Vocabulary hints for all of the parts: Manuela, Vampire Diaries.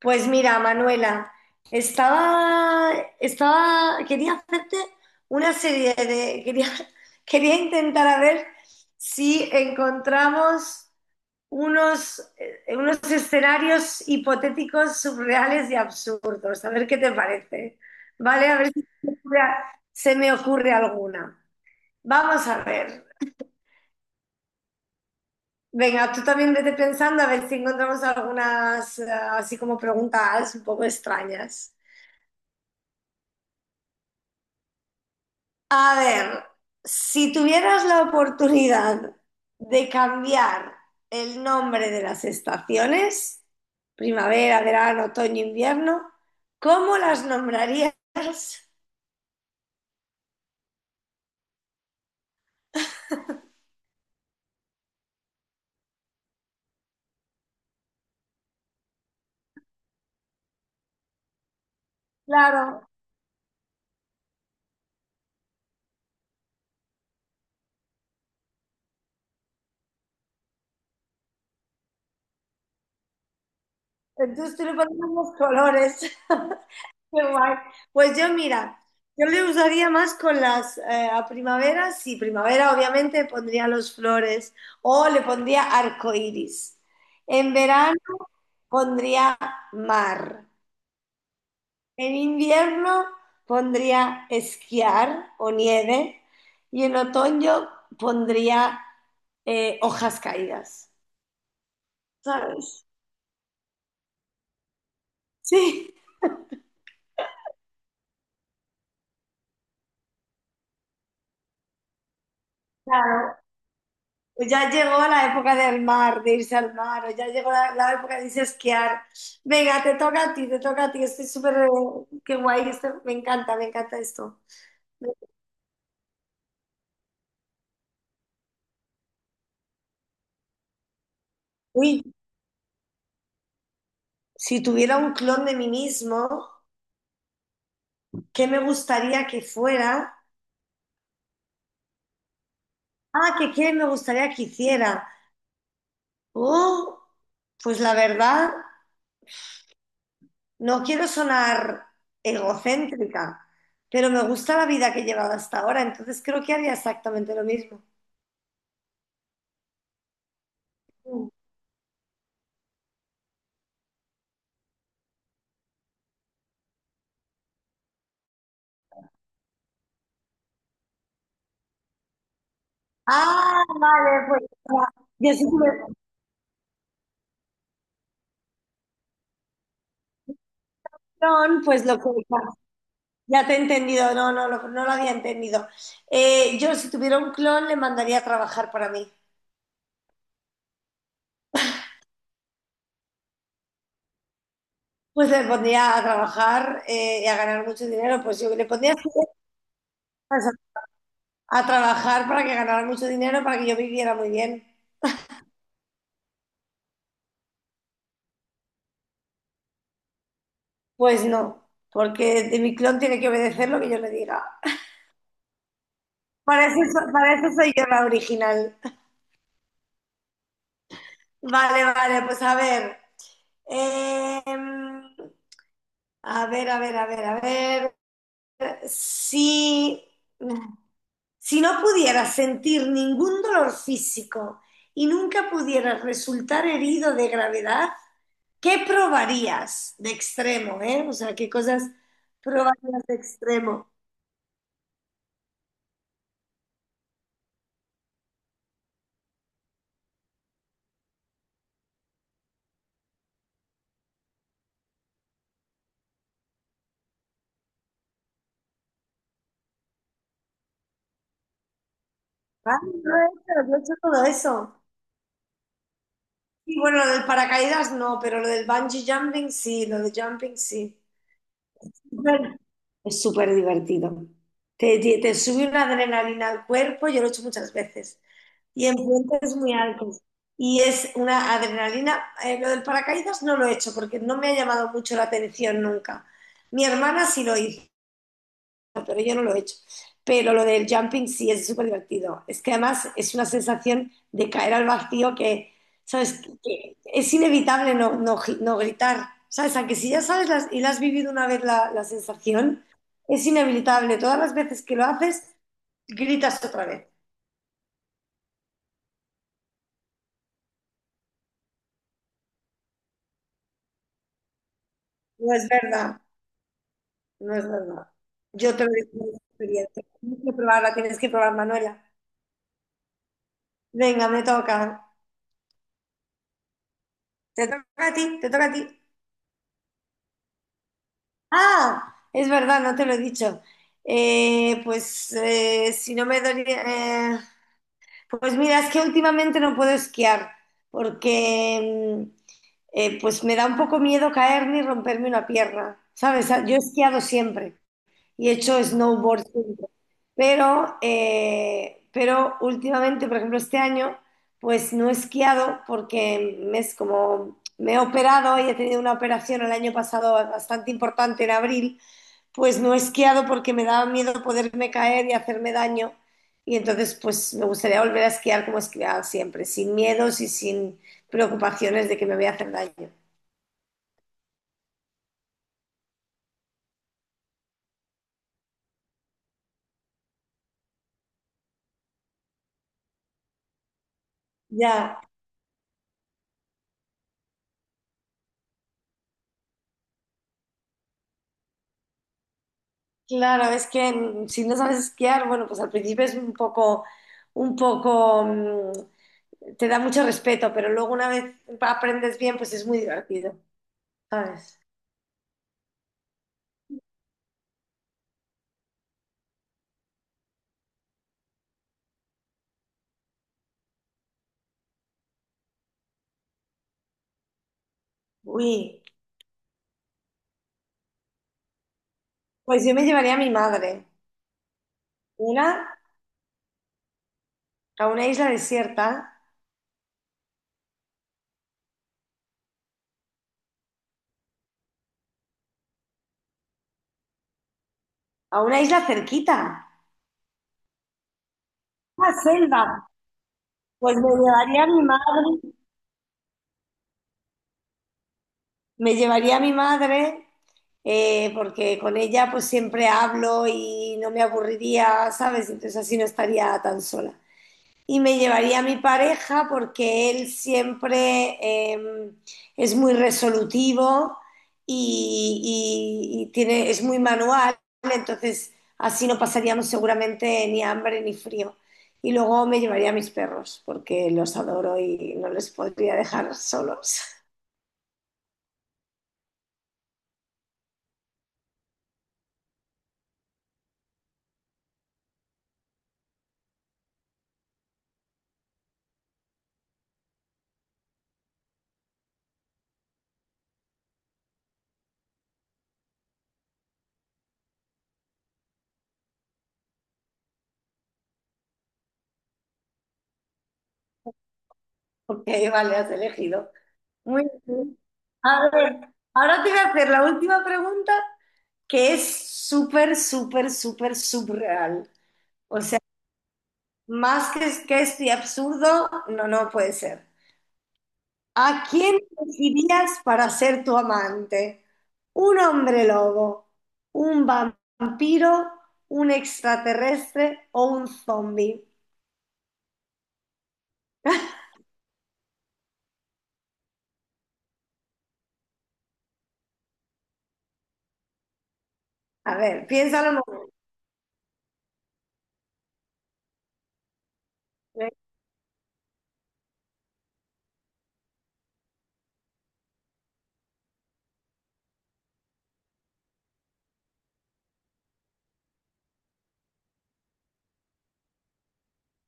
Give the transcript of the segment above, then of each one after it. Pues mira, Manuela, estaba, quería hacerte una serie de, quería, quería intentar a ver si encontramos unos, unos escenarios hipotéticos surreales y absurdos. A ver qué te parece. ¿Vale? A ver si se me ocurre, se me ocurre alguna. Vamos a ver. Venga, tú también vete pensando a ver si encontramos algunas, así como preguntas un poco extrañas. A ver, si tuvieras la oportunidad de cambiar el nombre de las estaciones, primavera, verano, otoño, invierno, ¿cómo las nombrarías? Claro, entonces tú le pones los colores. Qué guay. Pues yo, mira, yo le usaría más con las a primavera. Sí, primavera, obviamente, pondría los flores o le pondría arco iris. En verano pondría mar. En invierno pondría esquiar o nieve, y en otoño pondría hojas caídas, ¿sabes? Sí, claro. Pues ya llegó la época del mar, de irse al mar, o ya llegó la época de irse a esquiar. Venga, te toca a ti, te toca a ti. Estoy súper, qué guay, esto- me encanta esto. Uy, si tuviera un clon de mí mismo, ¿qué me gustaría que fuera? Ah, ¿qué me gustaría que hiciera? Oh, pues la verdad, no quiero sonar egocéntrica, pero me gusta la vida que he llevado hasta ahora, entonces creo que haría exactamente lo mismo. Ah, vale, pues ya, ya sé que me- no, pues lo que ya, ya te he entendido, no, no, lo- no lo había entendido. Yo si tuviera un clon le mandaría a trabajar para mí. Pues le pondría a trabajar y a ganar mucho dinero, pues yo le pondría a estudiar, a trabajar para que ganara mucho dinero, para que yo viviera muy bien. Pues no, porque de mi clon tiene que obedecer lo que yo le diga. Para eso, so- para eso soy yo la original. Vale, vale, pues a ver. eh, a ver, a ver, a ver, a ver. Si, si no pudieras sentir ningún dolor físico y nunca pudieras resultar herido de gravedad, ¿qué probarías de extremo, eh? O sea, ¿qué cosas probarías de extremo? Ah, yo he hecho todo eso. Y bueno, lo del paracaídas no, pero lo del bungee jumping sí, lo de jumping sí. Bueno, es súper divertido. Te sube una adrenalina al cuerpo, yo lo he hecho muchas veces. Y en puentes muy altos. Y es una adrenalina. Lo del paracaídas no lo he hecho porque no me ha llamado mucho la atención nunca. Mi hermana sí lo hizo, pero yo no lo he hecho. Pero lo del jumping sí es súper divertido. Es que además es una sensación de caer al vacío que, ¿sabes? Que es inevitable no, no gi- no gritar. ¿Sabes? Aunque si ya sabes las- y la has vivido una vez la sensación, es inevitable. Todas las veces que lo haces, gritas otra vez. No es verdad, no es verdad. Yo te lo digo por experiencia. Tienes que probarla, tienes que probar, Manuela. Venga, me toca. Te toca a ti, te toca a ti. Ah, es verdad, no te lo he dicho. Pues si no me dolía... eh, pues mira, es que últimamente no puedo esquiar porque pues me da un poco miedo caerme y romperme una pierna, ¿sabes? Yo he esquiado siempre y he hecho snowboard siempre, pero últimamente, por ejemplo, este año, pues no he esquiado porque me es como... Me he operado y he tenido una operación el año pasado bastante importante en abril, pues no he esquiado porque me daba miedo poderme caer y hacerme daño. Y entonces, pues me gustaría volver a esquiar como esquiaba siempre, sin miedos y sin preocupaciones de que me voy a hacer daño. Ya, claro, es que si no sabes esquiar, bueno, pues al principio es un poco, te da mucho respeto, pero luego una vez aprendes bien, pues es muy divertido, ¿sabes? Uy, pues yo me llevaría a mi madre, una, a una isla desierta, a una isla cerquita. Una selva, pues me llevaría a mi madre, me llevaría a mi madre, porque con ella pues siempre hablo y no me aburriría, ¿sabes? Entonces así no estaría tan sola. Y me llevaría a mi pareja porque él siempre eh, es muy resolutivo y tiene, es muy manual, entonces así no pasaríamos seguramente ni hambre ni frío. Y luego me llevaría a mis perros porque los adoro y no les podría dejar solos. Ok, vale, has elegido. Muy bien. A ver, ahora te voy a hacer la última pregunta que es súper, súper, súper subreal. O sea, más que este absurdo, no, no puede ser. ¿A quién elegirías para ser tu amante? ¿Un hombre lobo? ¿Un vampiro? ¿Un extraterrestre o un zombie? A ver, piénsalo un momento, ¿eh?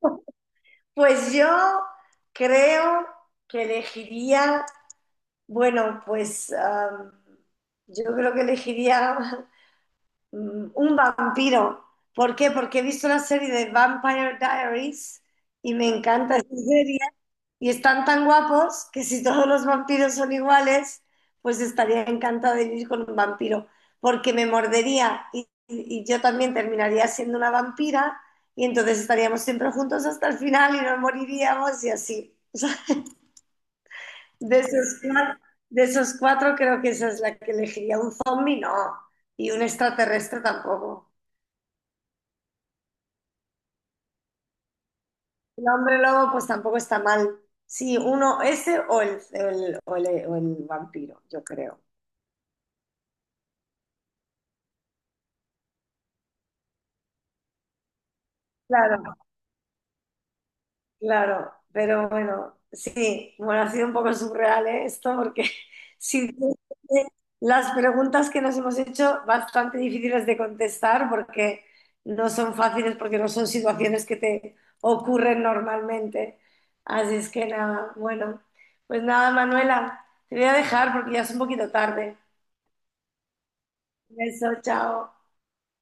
Pues yo creo que elegiría, bueno, pues ah, yo creo que elegiría Mm, un vampiro. ¿Por qué? Porque he visto la serie de Vampire Diaries y me encanta esa serie. Y están tan guapos que si todos los vampiros son iguales, pues estaría encantada de vivir con un vampiro. Porque me mordería y yo también terminaría siendo una vampira. Y entonces estaríamos siempre juntos hasta el final y nos moriríamos y así. O sea, de esos cuatro, de esos cuatro creo que esa es la que elegiría. Un zombie no. Y un extraterrestre tampoco. El hombre lobo, pues tampoco está mal. Sí, uno, ese o el, o el- o el- o el vampiro, yo creo. Claro, claro, pero bueno, sí, bueno, ha sido un poco surreal, ¿eh? Esto, porque sí, las preguntas que nos hemos hecho bastante difíciles de contestar porque no son fáciles, porque no son situaciones que te ocurren normalmente. Así es que nada, bueno, pues nada, Manuela, te voy a dejar porque ya es un poquito tarde. Beso, chao.